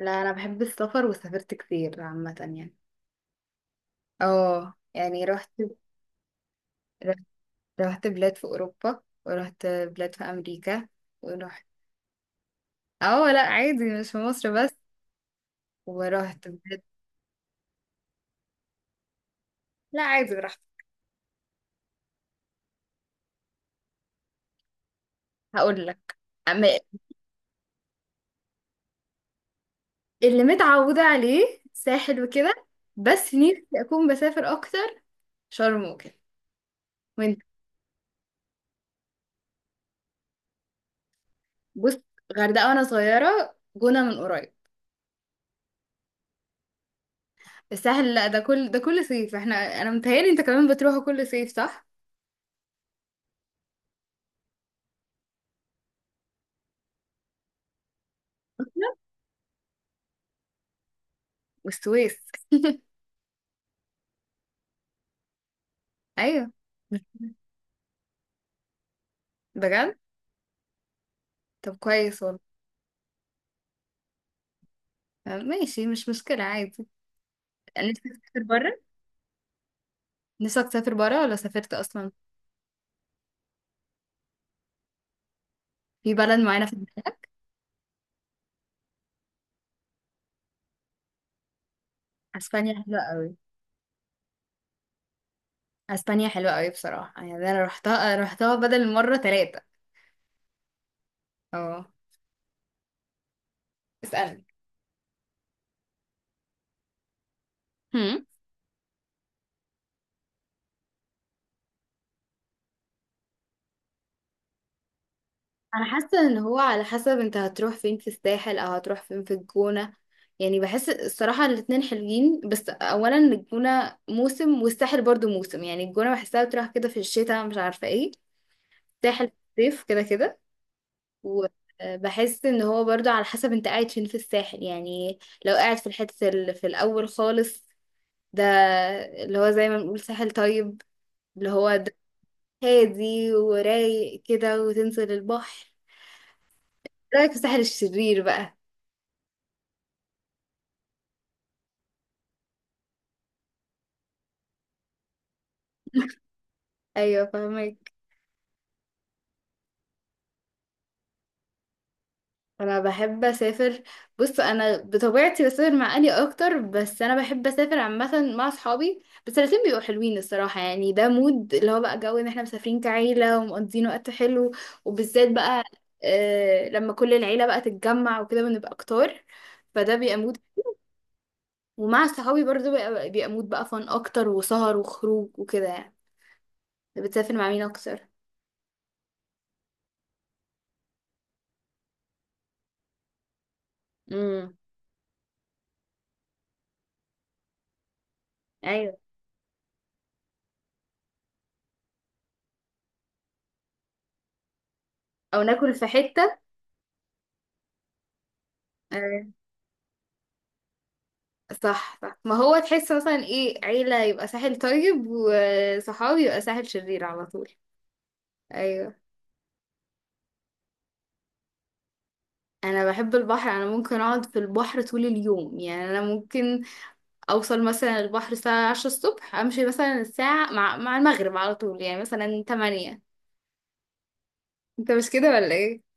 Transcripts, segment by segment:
لا، انا بحب السفر وسافرت كتير عامه يعني. اه يعني رحت رحت رحت بلاد في اوروبا ورحت بلاد في امريكا ورحت. اه لا، عادي مش في مصر بس. ورحت بلاد. لا عادي، رحت. هقول لك. أما اللي متعوده عليه ساحل وكده. بس نفسي اكون بسافر اكتر. شرم وكده. وانت؟ بص، غردقه وانا صغيره، جونه من قريب. الساحل لا، ده كل صيف احنا. انا متهيألي انت كمان بتروحوا كل صيف صح؟ والسويس. ايوه. بجد. طب كويس والله. آه، ماشي مش مشكلة عادي. نفسك تسافر بره؟ نفسك تسافر بره ولا سافرت أصلا؟ في بلد معينة في دماغك؟ أسبانيا حلوة قوي. أسبانيا حلوة قوي بصراحة، يعني أنا روحتها بدل مرة ثلاثة. اه. اسألني. هم؟ أنا حاسة إن هو على حسب أنت هتروح فين في الساحل أو هتروح فين في الجونة. يعني بحس الصراحة الاتنين حلوين، بس أولا الجونة موسم والساحل برضو موسم، يعني الجونة بحسها بتروح كده في الشتاء مش عارفة ايه. الساحل في الصيف كده كده. وبحس ان هو برضو على حسب انت قاعد فين في الساحل يعني. لو قاعد في الحتة اللي في الاول خالص، ده اللي هو زي ما بنقول ساحل طيب، اللي هو ده هادي ورايق كده وتنزل البحر. رايك في الساحل الشرير بقى؟ ايوه فاهمك. انا بحب اسافر. بص انا بطبيعتي بسافر مع اهلي اكتر، بس انا بحب اسافر عامه مع اصحابي، بس الاتنين بيبقوا حلوين الصراحه يعني، ده مود اللي هو بقى جو ان احنا مسافرين كعيله ومقضيين وقت حلو. وبالذات بقى آه لما كل العيله بقى تتجمع وكده بنبقى كتار، فده بيبقى مود. ومع صحابي برضه بيبقى مود بقى فن اكتر وسهر وخروج وكده يعني. بتسافر مع مين اكتر؟ امم. ايوه. او ناكل في حته. آه. صح صح، ما هو تحس مثلا ايه عيلة يبقى ساحل طيب وصحابي يبقى ساحل شرير على طول. ايوه. انا بحب البحر، انا ممكن اقعد في البحر طول اليوم، يعني انا ممكن اوصل مثلا البحر الساعة 10 الصبح، امشي مثلا الساعة مع المغرب على طول يعني مثلا 8. انت مش كده ولا ايه؟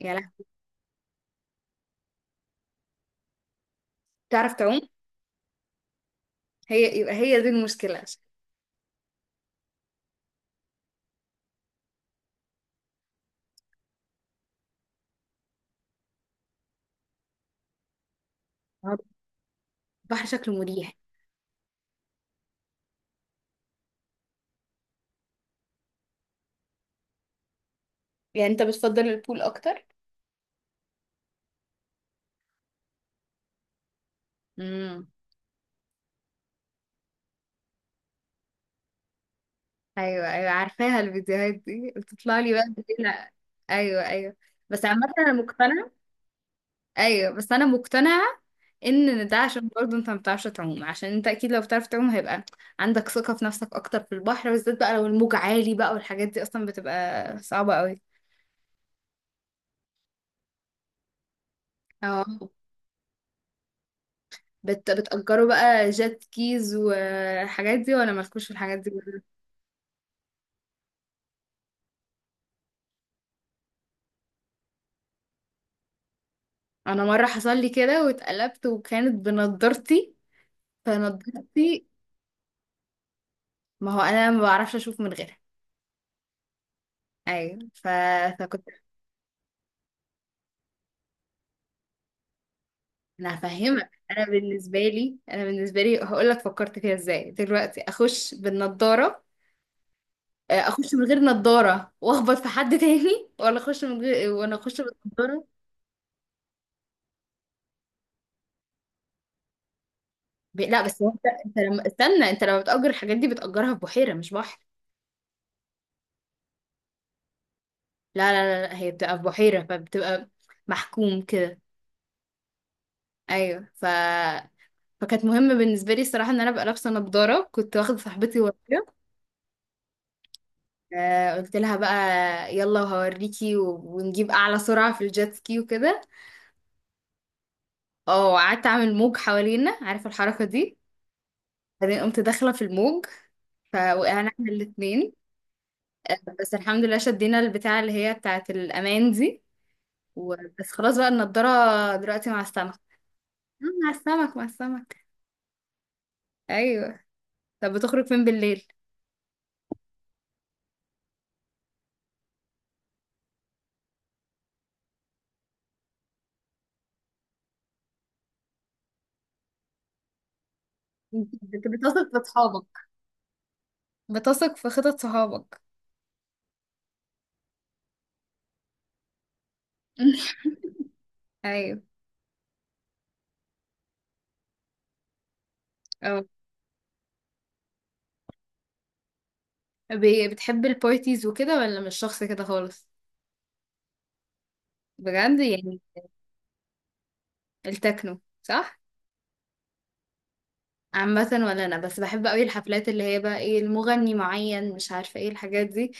يعني تعرف تعوم؟ هي دي المشكلة عشان البحر شكله مريح. يعني انت بتفضل البول اكتر؟ ايوه، ايوه عارفاها الفيديوهات دي، بتطلع لي بقى بالليل لا. ايوه ايوه. بس عامة انا مقتنعة. ايوه، بس انا مقتنعة ان ده عشان برضه انت ما بتعرفش تعوم، عشان انت اكيد لو بتعرف تعوم هيبقى عندك ثقة في نفسك اكتر، في البحر بالذات بقى لو الموج عالي بقى والحاجات دي اصلا بتبقى صعبة قوي. اه. بتأجروا بقى جات كيز والحاجات دي ولا مالكوش في الحاجات دي برضه؟ انا مرة حصل لي كده واتقلبت وكانت بنضارتي، فنضارتي. ما هو انا ما بعرفش اشوف من غيرها. ايوه فكنت. انا هفهمك، انا بالنسبه لي هقول لك فكرت فيها ازاي دلوقتي اخش بالنضاره. آه، اخش من غير نضاره واخبط في حد تاني، ولا اخش من غير وانا اخش بالنضاره؟ لا بس هو انت، انت لما استنى، انت لما بتأجر الحاجات دي بتأجرها في بحيره مش بحر. لا لا لا, لا. هي بتبقى في بحيره، فبتبقى محكوم كده. ايوه فكانت مهمه بالنسبه لي الصراحه ان انا ابقى لابسه نضاره، كنت واخده صاحبتي ورايا. آه، قلت لها بقى: يلا وهوريكي ونجيب اعلى سرعة في الجيت سكي وكده. اه وقعدت اعمل موج حوالينا، عارفة الحركة دي. بعدين قمت داخلة في الموج، فوقعنا احنا الاتنين. آه، بس الحمد لله شدينا البتاعة اللي هي بتاعة الأمان دي، وبس خلاص بقى النضارة دلوقتي مع السمك. آه، مع السمك مع السمك. أيوه. طب بتخرج فين بالليل؟ انت بتثق في صحابك؟ بتثق في خطط صحابك؟ أيوه. اه بتحب البارتيز وكده، ولا مش شخص كده خالص؟ بجد يعني. التكنو صح؟ عامة ولا انا بس بحب قوي الحفلات اللي هي بقى ايه المغني معين مش عارفة ايه الحاجات دي.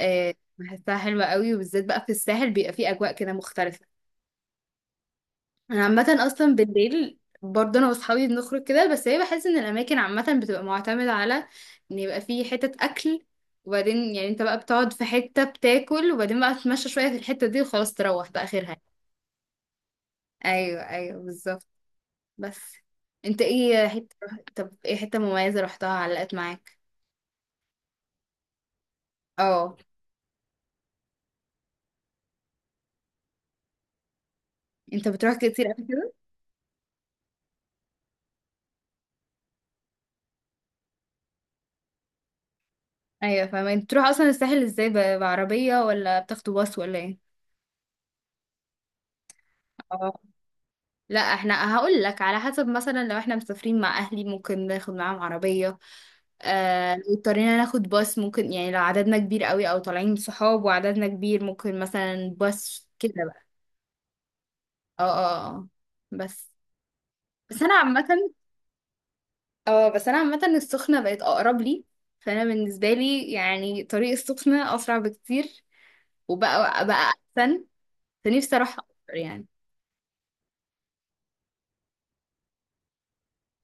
آه، بحسها حلوة قوي، وبالذات بقى في الساحل بيبقى فيه اجواء كده مختلفة. انا عامة اصلا بالليل برضه انا واصحابي بنخرج كده، بس هي بحس ان الاماكن عامة بتبقى معتمدة على ان يبقى فيه حتة اكل، وبعدين يعني انت بقى بتقعد في حتة بتاكل وبعدين بقى تتمشى شوية في الحتة دي وخلاص تروح، ده اخرها. ايوه ايوه بالظبط. بس انت ايه حتة. طب ايه حتة مميزة رحتها علقت معاك؟ اه. انت بتروح كتير قبل كده؟ ايوه فاهمة. انت بتروح اصلا الساحل ازاي؟ بعربية ولا بتاخدوا باص ولا ايه؟ اه لا، احنا هقول لك على حسب، مثلا لو احنا مسافرين مع اهلي ممكن ناخد معاهم عربية، آه لو اضطرينا ناخد باص ممكن، يعني لو عددنا كبير قوي او طالعين صحاب وعددنا كبير ممكن مثلا باص كده بقى. اه اه اه اه. بس بس انا عامة، اه بس انا عامه السخنه بقت اقرب لي، فانا بالنسبه لي يعني طريق السخنه اسرع بكتير، وبقى احسن. فنفسي اروحها اكتر يعني.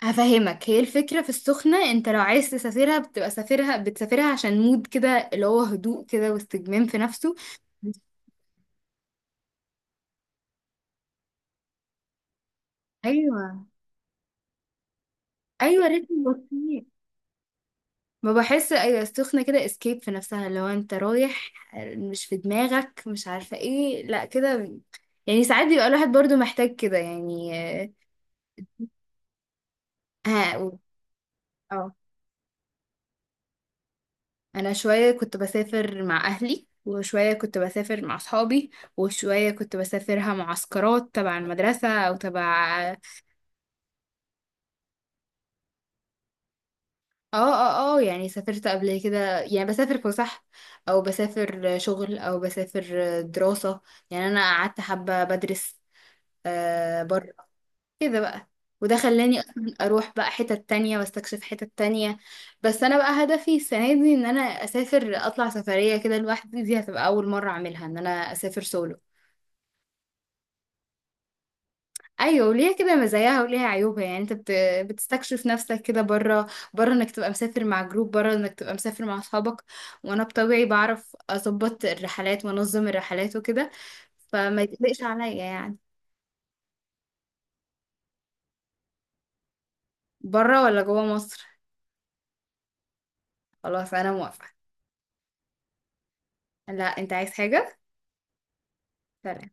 هفهمك، هي الفكره في السخنه انت لو عايز تسافرها بتبقى بتسافرها عشان مود كده اللي هو هدوء كده واستجمام في نفسه. ايوه ايوه، رتم بطيء. ما بحس ايوه السخنه كده اسكيب في نفسها اللي هو انت رايح مش في دماغك مش عارفه ايه، لا كده يعني، ساعات بيبقى الواحد برضو محتاج كده يعني. ها. اه انا شويه كنت بسافر مع اهلي، وشويه كنت بسافر مع اصحابي، وشويه كنت بسافرها معسكرات تبع المدرسه او تبع. اه اه اه، يعني سافرت قبل كده، يعني بسافر فسح او بسافر شغل او بسافر دراسه. يعني انا قعدت حبه بدرس. آه كده بقى. وده خلاني اصلا اروح بقى حتت تانية واستكشف حتت تانية. بس انا بقى هدفي السنة دي ان انا اسافر اطلع سفرية كده لوحدي، دي هتبقى اول مرة اعملها ان انا اسافر سولو. ايوه وليها كده مزاياها وليها عيوبها يعني. انت بتستكشف نفسك كده بره، بره انك تبقى مسافر مع جروب، بره انك تبقى مسافر مع اصحابك، وانا بطبيعي بعرف اظبط الرحلات وانظم الرحلات وكده، فما يتقلقش عليا يعني. بره ولا جوه مصر؟ خلاص انا موافقة. لا، انت عايز حاجة؟ سلام.